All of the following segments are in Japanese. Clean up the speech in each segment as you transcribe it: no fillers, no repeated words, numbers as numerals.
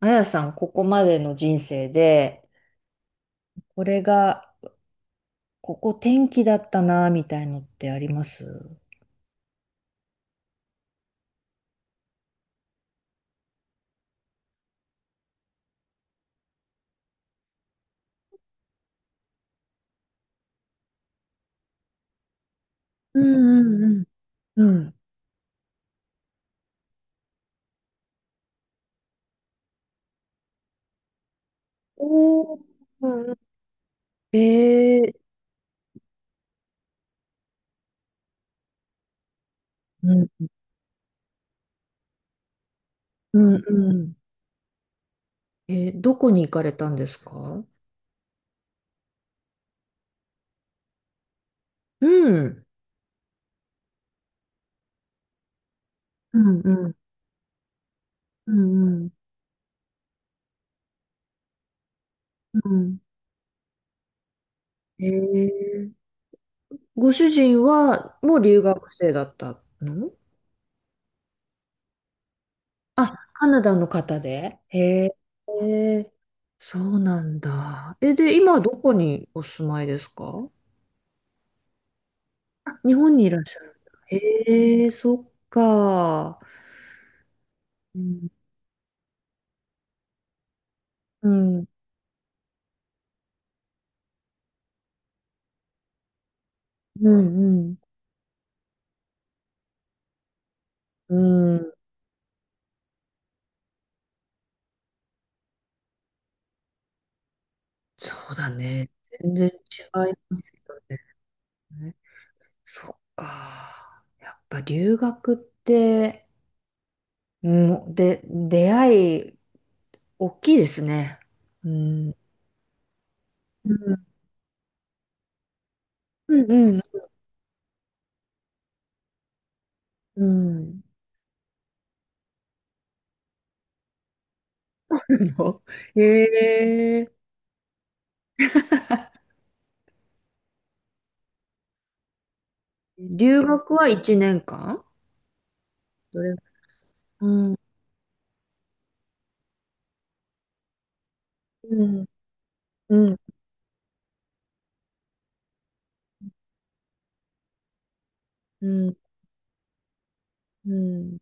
あやさん、ここまでの人生で、これが、ここ転機だったな、みたいのってあります？うんうんうん。うん。おー、えー、うん。うんうん。えー、どこに行かれたんですか？うん。うんうんうんうん。うん。えー、ご主人は、もう留学生だったの？あ、カナダの方で。へえ、へえ、そうなんだ。え、で、今どこにお住まいですか？あ、日本にいらっしゃるんだ。へえ、そっか。うん、うん、うん、うん。うん。そうだね。全然違いますよね。そっか。やっぱ留学って、うん、で、出会い、大きいですね。うん。うん、うん、うん。うん。よ。ええ、留学は1年間？どれ、うん、うん、うん、うん、うん。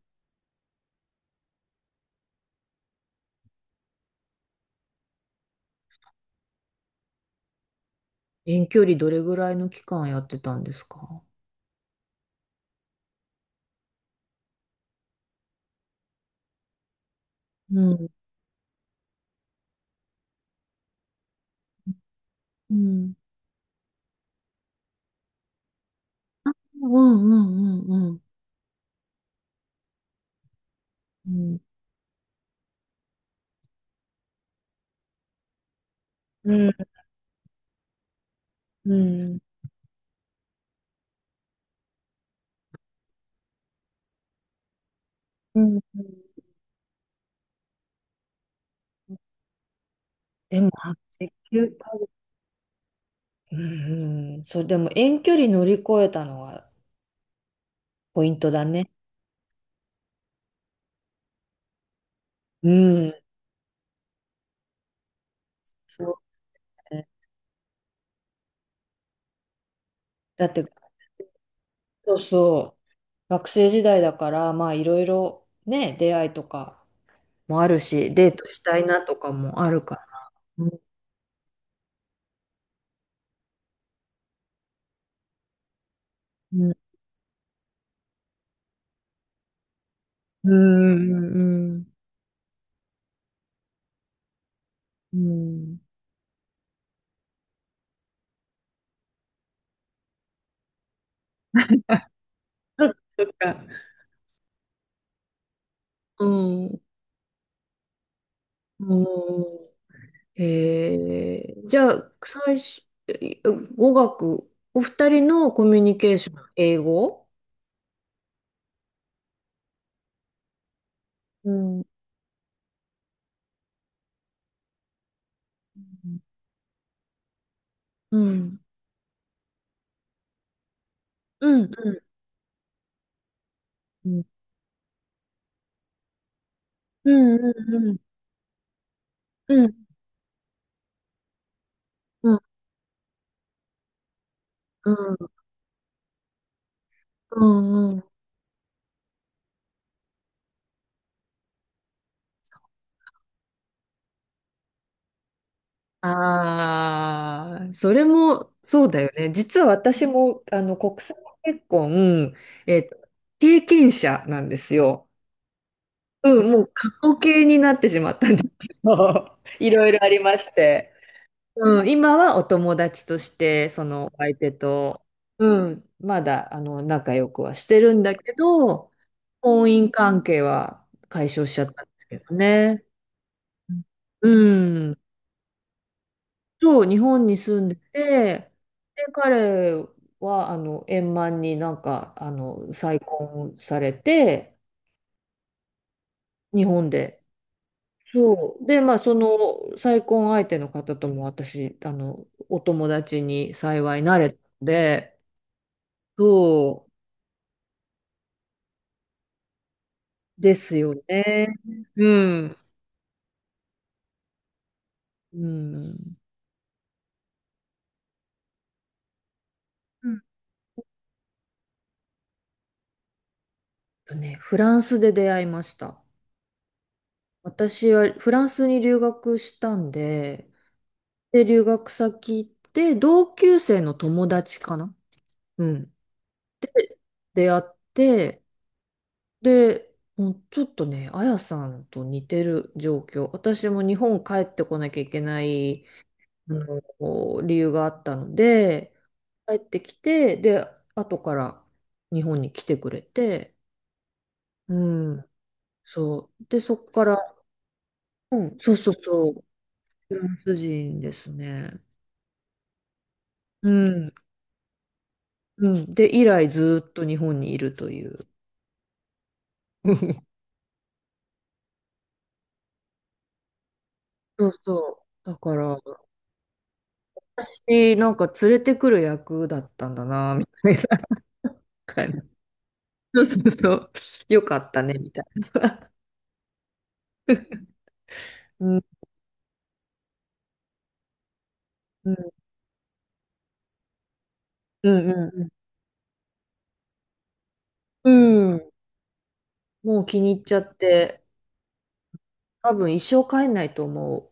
遠距離どれぐらいの期間やってたんですか？うん、うん、うん、うん、うん、うん、うん、うん、うん。でも、あ、8、9ヶ月。うん、うん、そう、でも遠距離乗り越えたのがポイントだね。うん、そうね。だって、そうそう。学生時代だからまあいろいろね、出会いとかもあるし、デートしたいなとかもあるから。うんうんうんうん、そっか。うんうん。えー、じゃあ最初、え、語学、お二人のコミュニケーション英語？うんうんうんうんうんうんうんうんうんうんうんうん。ああ、それもそうだよね。実は私もあの国際結婚、えっと、経験者なんですよ。うん、もう過去形になってしまったんですけど、いろいろありまして。うん、今はお友達として、そのお相手と、うん、まだあの仲良くはしてるんだけど、婚姻関係は解消しちゃったんですけどね。うん。そう、日本に住んでて、で、彼は、円満になんか、再婚されて、日本で。そう。で、まあ、その、再婚相手の方とも私、お友達に幸いなれたので、そうですよね。うん。うん。うんとね、フランスで出会いました。私はフランスに留学したんで、で、留学先行って、同級生の友達かな。うん。出会って、で、もうちょっとね、あやさんと似てる状況。私も日本帰ってこなきゃいけない、あの、理由があったので、帰ってきて、で、後から日本に来てくれて、うん、そう。で、そこから、うん、そうそうそう、フランス人ですね。うん、うん。で、以来ずっと日本にいるという。そうそう。だから、私、なんか連れてくる役だったんだな、みたいな感じ。そうそうそう。よかったね、みたいな。うん、うん、うん、うん。うん、もう気に入っちゃって、多分一生帰んないと思う。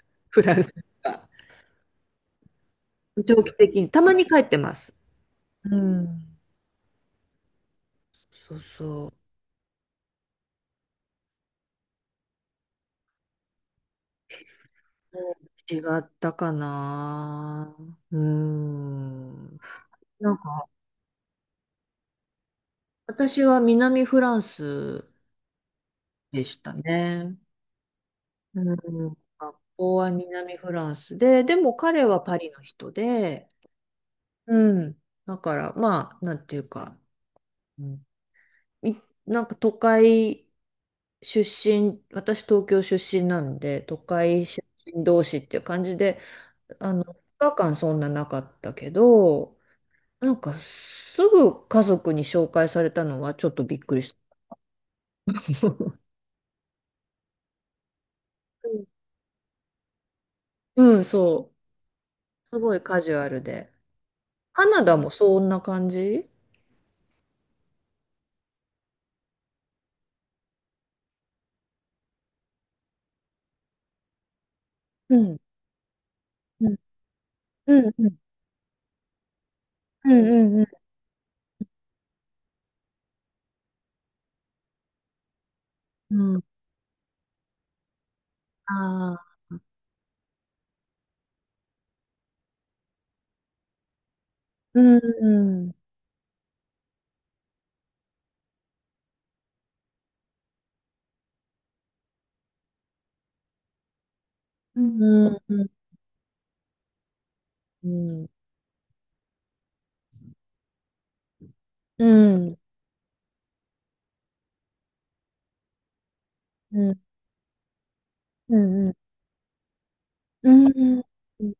フランスが。長期的に。たまに帰ってます。うん。そうそう。うん、違ったかな。うん。なんか、私は南フランスでしたね。うん、学校は南フランスで、でも彼はパリの人で、うん。だからまあ、なんていうか、うん、い、なんか都会出身、私東京出身なんで、都会出身同士っていう感じで、違和感そんななかったけど、なんかすぐ家族に紹介されたのはちょっとびっくりした。うん、そう。すごいカジュアルで。カナダもそんな感じ？うん。うんうんうん。うんうんうん。ああ。うん。うんうんうん。うんうんうんうんうんうんうんうん、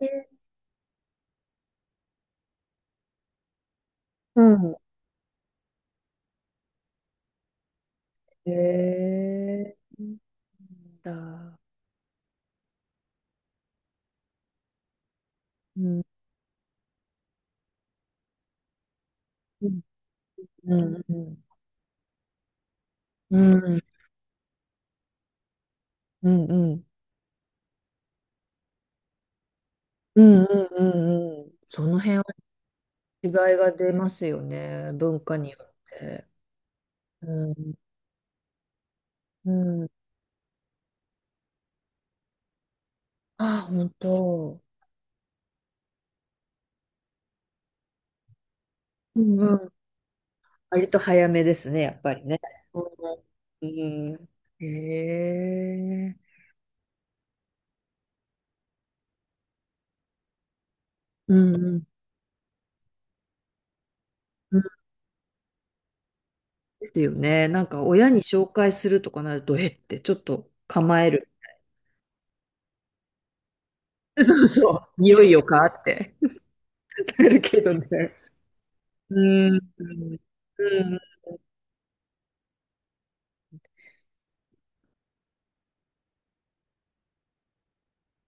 へえ、うんうん。だ、うんうんうんうんうんうんうんうんうん、その辺は違いが出ますよね、文化によって。うんうん。あ、本当？うん、割と早めですね、やっぱりね。うん。うん、へえ。うんうん。うん、ですよね。なんか親に紹介するとかなると、えってちょっと構える。そうそう。いよいよかって。 なるけどね。うん。うん